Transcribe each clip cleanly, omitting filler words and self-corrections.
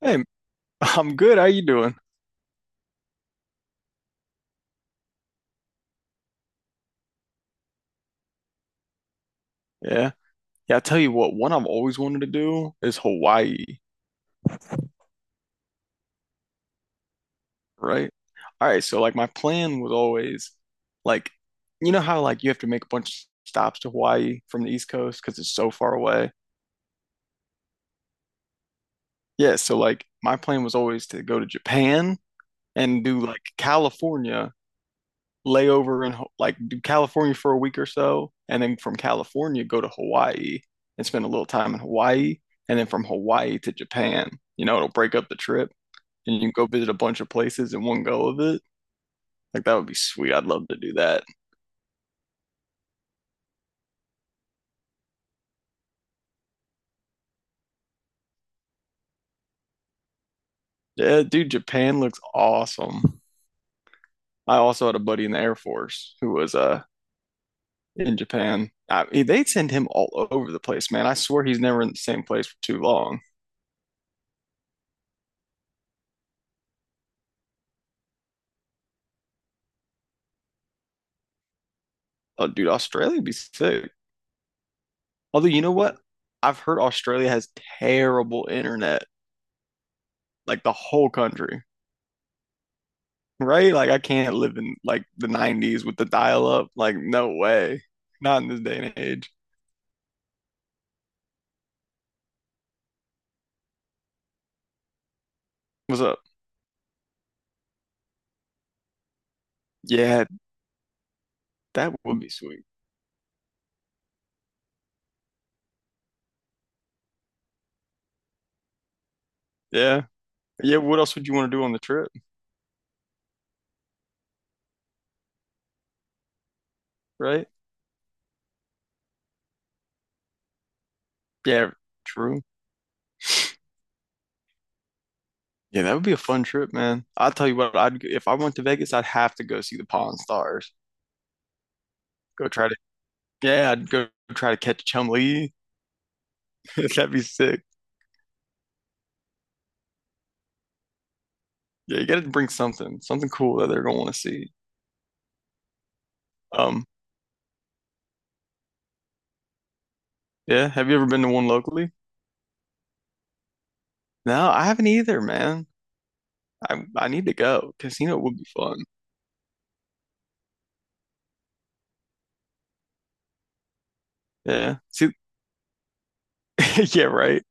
Hey, I'm good. How you doing? Yeah. Yeah, I tell you what, one I've always wanted to do is Hawaii, right? All right, so like my plan was always like you know how like you have to make a bunch of stops to Hawaii from the East Coast because it's so far away. Yeah, so like my plan was always to go to Japan and do like California lay over in like do California for a week or so, and then from California go to Hawaii and spend a little time in Hawaii, and then from Hawaii to Japan. You know, it'll break up the trip, and you can go visit a bunch of places in one go of it. Like that would be sweet. I'd love to do that. Yeah, dude, Japan looks awesome. I also had a buddy in the Air Force who was in Japan. They send him all over the place, man. I swear he's never in the same place for too long. Oh, dude, Australia'd be sick. Although, you know what? I've heard Australia has terrible internet, like the whole country, right? Like I can't live in like the 90s with the dial-up. Like no way. Not in this day and age. What's up? Yeah, that would be sweet. Yeah. Yeah, what else would you want to do on the trip, right? Yeah, true. Yeah, that would be a fun trip, man. I'll tell you what, I'd if I went to Vegas, I'd have to go see the Pawn Stars. Go try to. Yeah, I'd go try to catch Chum Lee. That'd be sick. Yeah, you got to bring something, something cool that they're gonna want to see. Um, yeah, have you ever been to one locally? No, I haven't either, man. I need to go. Casino would be fun. Yeah. See, yeah, right.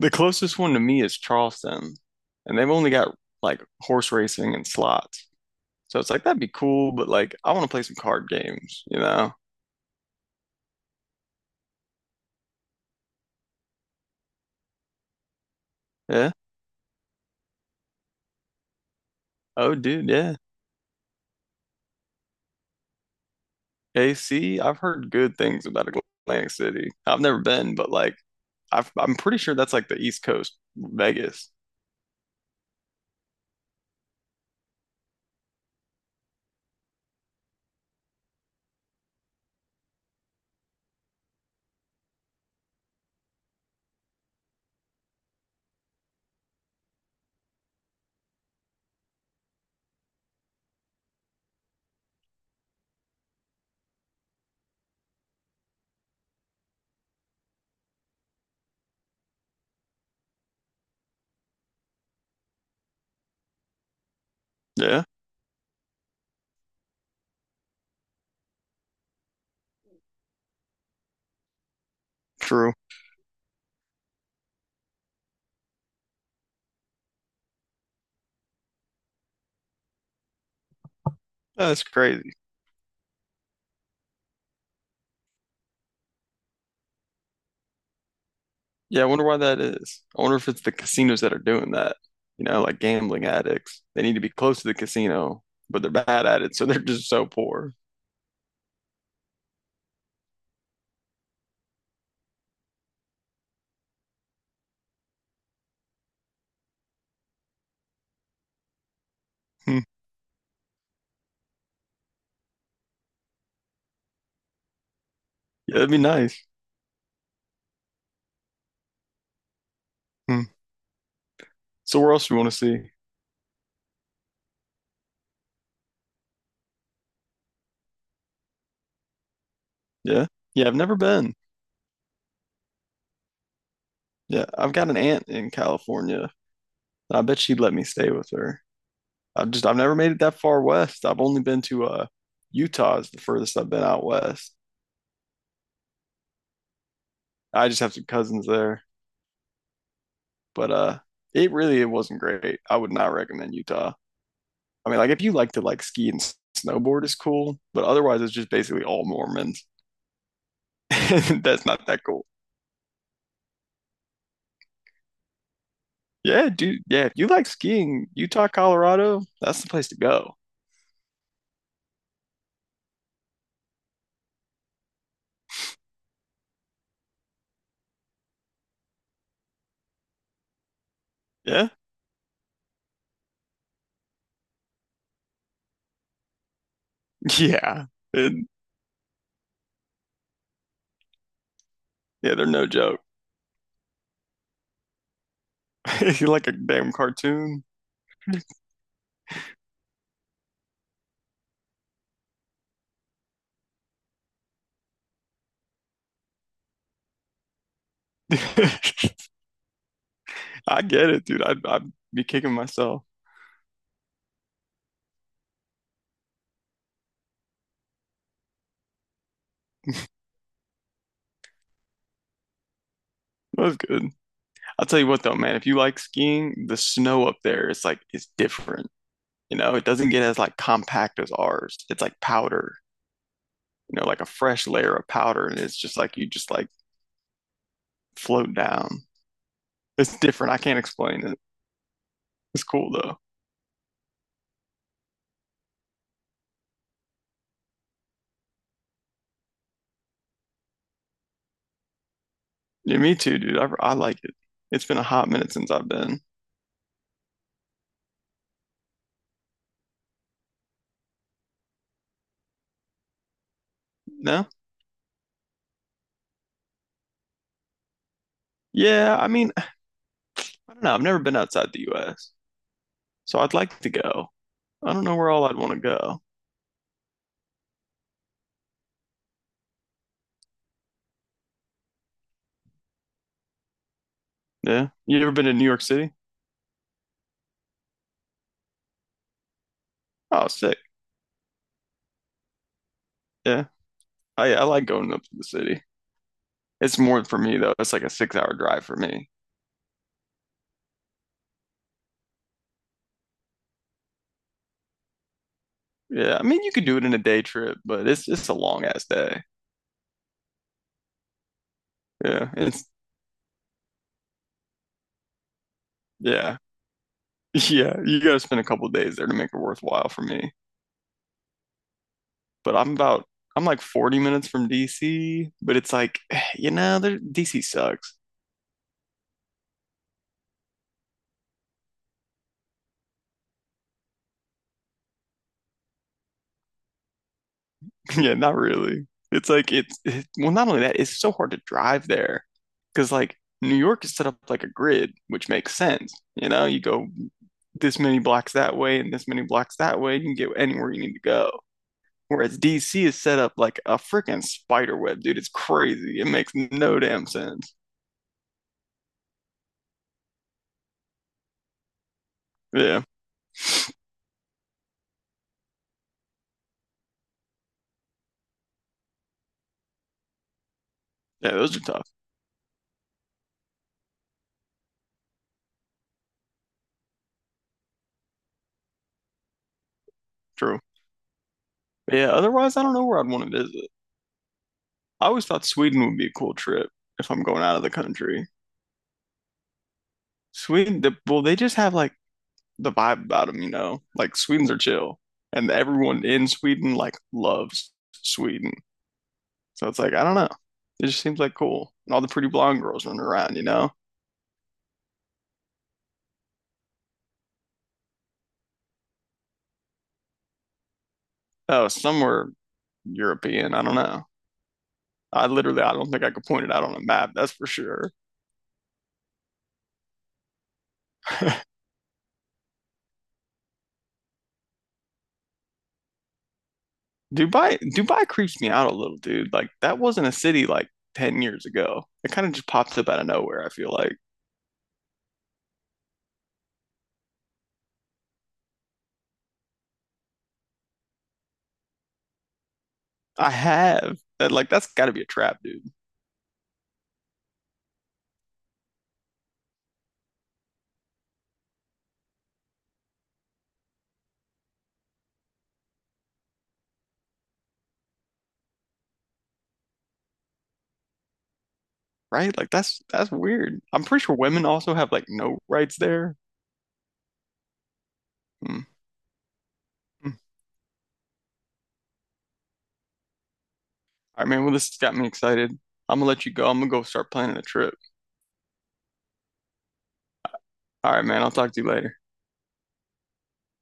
The closest one to me is Charleston, and they've only got like horse racing and slots. So it's like that'd be cool, but like I want to play some card games, you know? Yeah. Oh, dude, yeah. AC, I've heard good things about Atlantic City. I've never been, but like I'm pretty sure that's like the East Coast Vegas. Yeah, true. That's crazy. Yeah, I wonder why that is. I wonder if it's the casinos that are doing that. You know, like gambling addicts. They need to be close to the casino, but they're bad at it, so they're just so poor. Hmm. Yeah, that'd be nice. Hmm. So where else do you want to see? Yeah. Yeah, I've never been. Yeah, I've got an aunt in California. I bet she'd let me stay with her. I've never made it that far west. I've only been to Utah is the furthest I've been out west. I just have some cousins there. But it wasn't great. I would not recommend Utah. I mean, like if you like to like ski and snowboard is cool, but otherwise it's just basically all Mormons. That's not that cool. Yeah, dude. Yeah, if you like skiing, Utah, Colorado, that's the place to go. Yeah, yeah, and yeah. They're no joke. If you like a damn cartoon, I get it, dude. I'd be kicking myself. That was good. I'll tell you what though, man. If you like skiing, the snow up there, it's different. You know, it doesn't get as like compact as ours. It's like powder, you know, like a fresh layer of powder, and it's just like you just like float down. It's different. I can't explain it. It's cool though. Yeah, me too, dude. I like it. It's been a hot minute since I've been. No? Yeah, I mean, I don't know. I've never been outside the US, so I'd like to go. I don't know where all I'd want to go. Yeah. You ever been to New York City? Oh, sick. Yeah. I like going up to the city. It's more for me though. It's like a 6 hour drive for me. Yeah, I mean you could do it in a day trip, but it's a long ass day. Yeah, it's yeah. Yeah, you gotta spend a couple days there to make it worthwhile for me. But I'm like 40 minutes from DC, but it's like, you know, there, DC sucks. Yeah, not really. It's like it's it, well, not only that, it's so hard to drive there because like New York is set up like a grid, which makes sense. You know, you go this many blocks that way and this many blocks that way, you can get anywhere you need to go. Whereas DC is set up like a freaking spider web, dude. It's crazy. It makes no damn sense. Yeah. Yeah, those are tough. True. But yeah, otherwise, I don't know where I'd want to visit. I always thought Sweden would be a cool trip if I'm going out of the country. Well, they just have like the vibe about them, you know? Like, Swedes are chill. And everyone in Sweden, like, loves Sweden. So it's like, I don't know. It just seems like cool. And all the pretty blonde girls running around, you know? Oh, somewhere European. I don't know. I literally, I don't think I could point it out on a map, that's for sure. Dubai creeps me out a little, dude. Like that wasn't a city like 10 years ago. It kind of just pops up out of nowhere, I feel like. I have that like that's got to be a trap, dude. Right? Like that's weird. I'm pretty sure women also have like no rights there. Hmm. Hmm. All right, man. Well, this has got me excited. I'm gonna let you go. I'm gonna go start planning a trip. All right, man. I'll talk to you later.